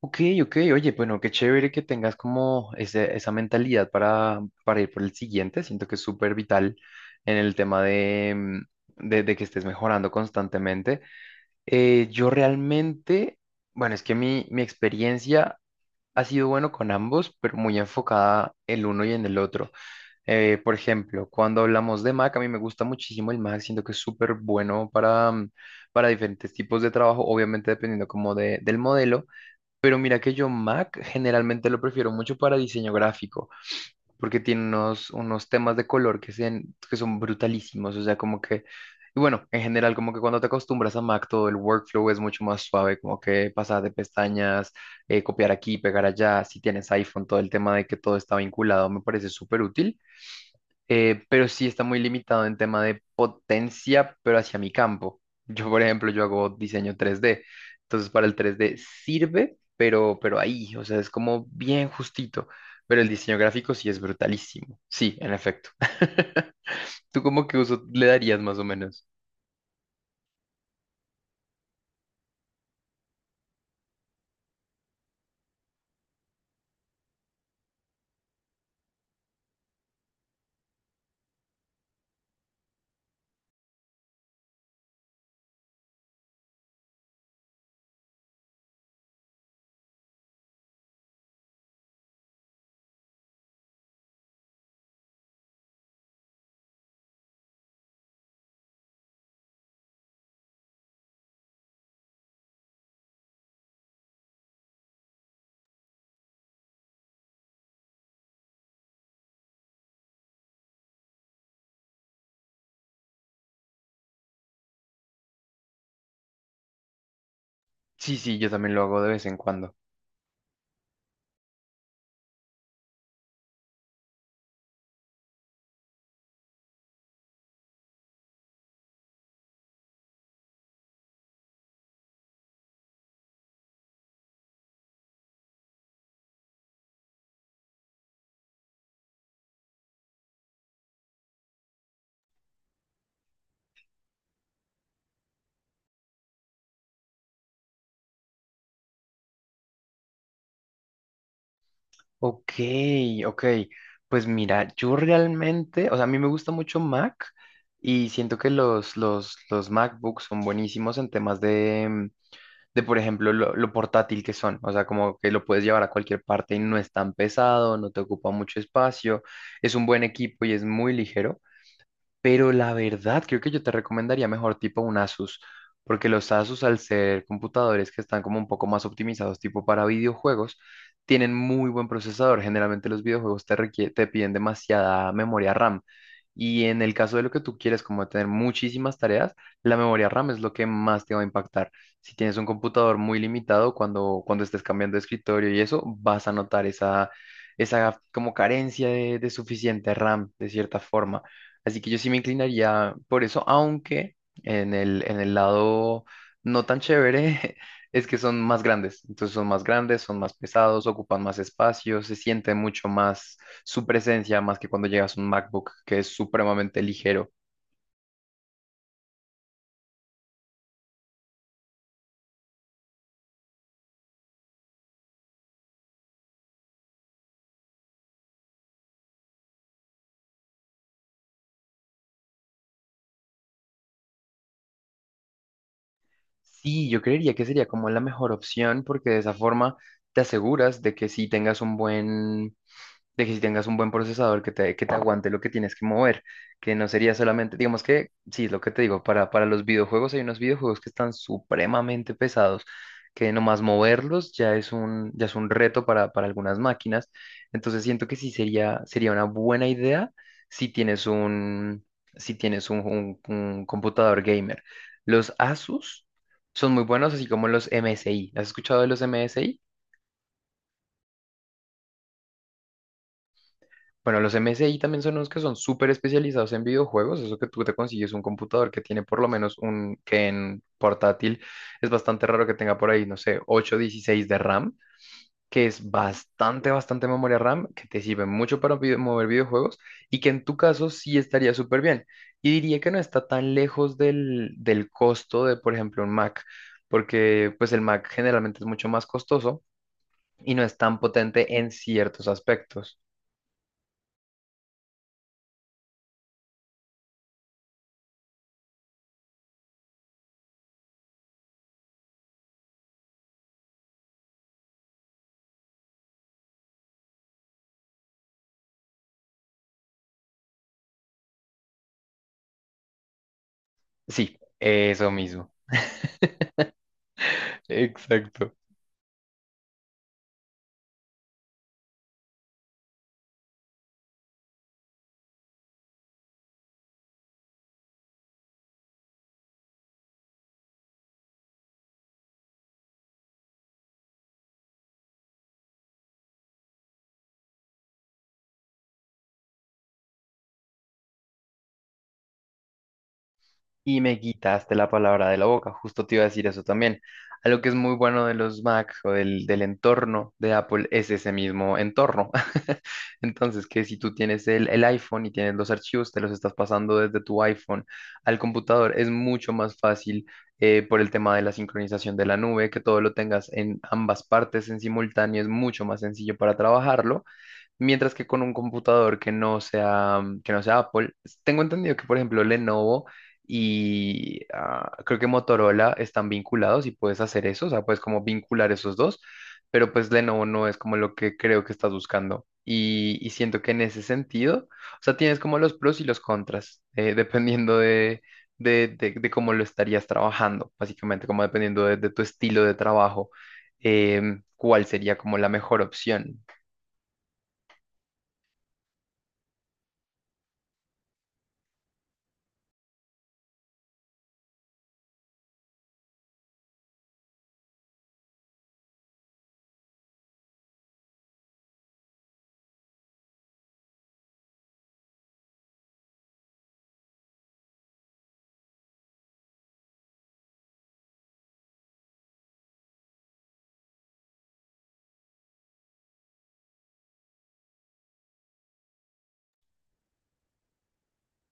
Ok, ok, oye, bueno, qué chévere que tengas como esa mentalidad para ir por el siguiente. Siento que es súper vital en el tema de, de que estés mejorando constantemente. Yo realmente, bueno, es que mi experiencia ha sido bueno con ambos, pero muy enfocada el uno y en el otro. Por ejemplo, cuando hablamos de Mac, a mí me gusta muchísimo el Mac, siento que es súper bueno para diferentes tipos de trabajo, obviamente dependiendo como del modelo. Pero mira que yo Mac generalmente lo prefiero mucho para diseño gráfico, porque tiene unos temas de color que son brutalísimos, o sea, como que, y bueno, en general como que cuando te acostumbras a Mac todo el workflow es mucho más suave, como que pasar de pestañas, copiar aquí, pegar allá, si tienes iPhone, todo el tema de que todo está vinculado me parece súper útil, pero sí está muy limitado en tema de potencia, pero hacia mi campo. Yo, por ejemplo, yo hago diseño 3D, entonces para el 3D sirve, pero ahí, o sea, es como bien justito, pero el diseño gráfico sí es brutalísimo, sí, en efecto. ¿Tú cómo que uso le darías más o menos? Sí, sí, yo también lo hago de vez en cuando. Ok, ok. Pues mira, yo realmente, o sea, a mí me gusta mucho Mac y siento que los MacBooks son buenísimos en temas de, de por ejemplo, lo portátil que son. O sea, como que lo puedes llevar a cualquier parte y no es tan pesado, no te ocupa mucho espacio, es un buen equipo y es muy ligero. Pero la verdad, creo que yo te recomendaría mejor tipo un Asus, porque los Asus, al ser computadores que están como un poco más optimizados tipo para videojuegos, tienen muy buen procesador. Generalmente los videojuegos te piden demasiada memoria RAM. Y en el caso de lo que tú quieres, como tener muchísimas tareas, la memoria RAM es lo que más te va a impactar. Si tienes un computador muy limitado, cuando estés cambiando de escritorio y eso, vas a notar esa como carencia de suficiente RAM, de cierta forma. Así que yo sí me inclinaría por eso, aunque en el lado no tan chévere es que son más grandes. Entonces son más grandes, son más pesados, ocupan más espacio, se siente mucho más su presencia, más que cuando llegas a un MacBook que es supremamente ligero. Sí, yo creería que sería como la mejor opción porque de esa forma te aseguras de que sí tengas un buen procesador que te aguante lo que tienes que mover, que no sería solamente, digamos que, sí, es lo que te digo, para los videojuegos hay unos videojuegos que están supremamente pesados, que nomás moverlos ya es un reto para algunas máquinas, entonces siento que sí sería una buena idea si tienes un computador gamer. Los Asus son muy buenos, así como los MSI. ¿Has escuchado de los MSI? Bueno, los M S I también son unos que son súper especializados en videojuegos. Eso que tú te consigues un computador que tiene por lo menos un que en portátil es bastante raro que tenga por ahí, no sé, 8, 16 de RAM, que es bastante, bastante memoria RAM, que te sirve mucho para mover videojuegos y que en tu caso sí estaría súper bien. Y diría que no está tan lejos del costo de, por ejemplo, un Mac, porque pues el Mac generalmente es mucho más costoso y no es tan potente en ciertos aspectos. Sí, eso mismo. Exacto. Y me quitaste la palabra de la boca, justo te iba a decir eso también. Algo que es muy bueno de los Mac o del entorno de Apple es ese mismo entorno. Entonces, que si tú tienes el iPhone y tienes los archivos, te los estás pasando desde tu iPhone al computador, es mucho más fácil por el tema de la sincronización de la nube, que todo lo tengas en ambas partes en simultáneo, es mucho más sencillo para trabajarlo. Mientras que con un computador que no sea Apple, tengo entendido que, por ejemplo, Lenovo y ah, creo que Motorola están vinculados y puedes hacer eso, o sea, puedes como vincular esos dos, pero pues Lenovo no es como lo que creo que estás buscando. Y siento que en ese sentido, o sea, tienes como los pros y los contras, dependiendo de cómo lo estarías trabajando, básicamente, como dependiendo de tu estilo de trabajo, cuál sería como la mejor opción.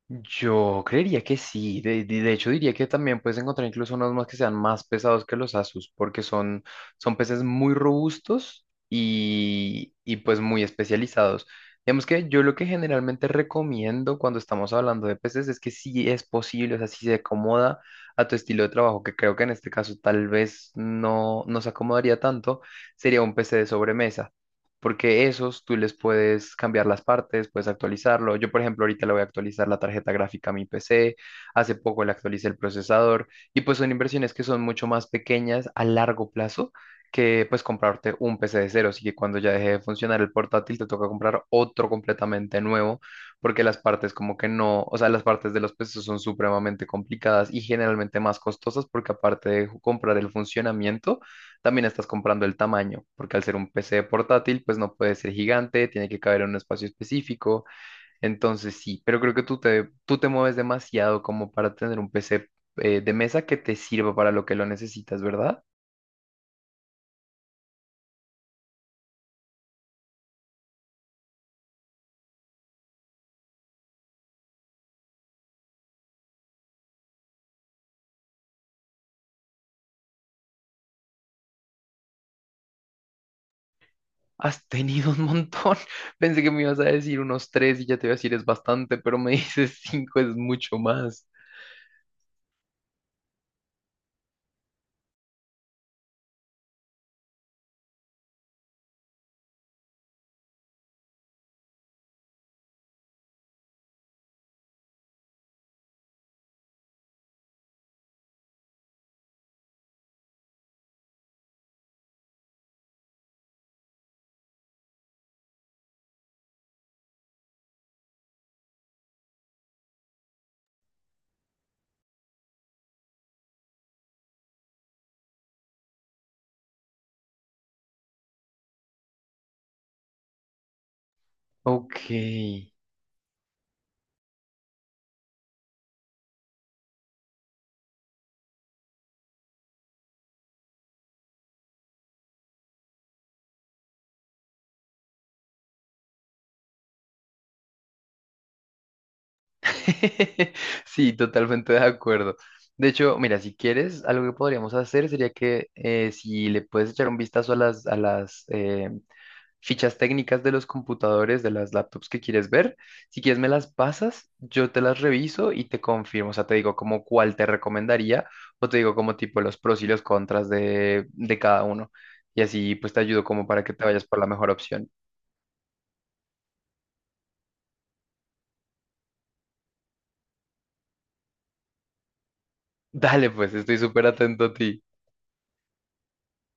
Yo creería que sí, de hecho diría que también puedes encontrar incluso unos más que sean más pesados que los Asus, porque son peces muy robustos y pues muy especializados. Digamos que yo lo que generalmente recomiendo cuando estamos hablando de peces es que si es posible, o sea, si se acomoda a tu estilo de trabajo, que creo que en este caso tal vez no se acomodaría tanto, sería un PC de sobremesa porque esos tú les puedes cambiar las partes, puedes actualizarlo. Yo, por ejemplo, ahorita le voy a actualizar la tarjeta gráfica a mi PC, hace poco le actualicé el procesador y pues son inversiones que son mucho más pequeñas a largo plazo que pues comprarte un PC de cero, así que cuando ya deje de funcionar el portátil te toca comprar otro completamente nuevo porque las partes como que no, o sea, las partes de los pesos son supremamente complicadas y generalmente más costosas porque aparte de comprar el funcionamiento, también estás comprando el tamaño, porque al ser un PC portátil, pues no puede ser gigante, tiene que caber en un espacio específico. Entonces sí, pero creo que tú te mueves demasiado como para tener un PC de mesa que te sirva para lo que lo necesitas, ¿verdad? Has tenido un montón. Pensé que me ibas a decir unos tres y ya te iba a decir es bastante, pero me dices cinco es mucho más. Ok. Sí, totalmente de acuerdo. De hecho, mira, si quieres, algo que podríamos hacer sería que si le puedes echar un vistazo a a las fichas técnicas de los computadores, de las laptops que quieres ver, si quieres me las pasas, yo te las reviso y te confirmo, o sea, te digo como cuál te recomendaría o te digo como tipo los pros y los contras de cada uno. Y así pues te ayudo como para que te vayas por la mejor opción. Dale, pues, estoy súper atento a ti.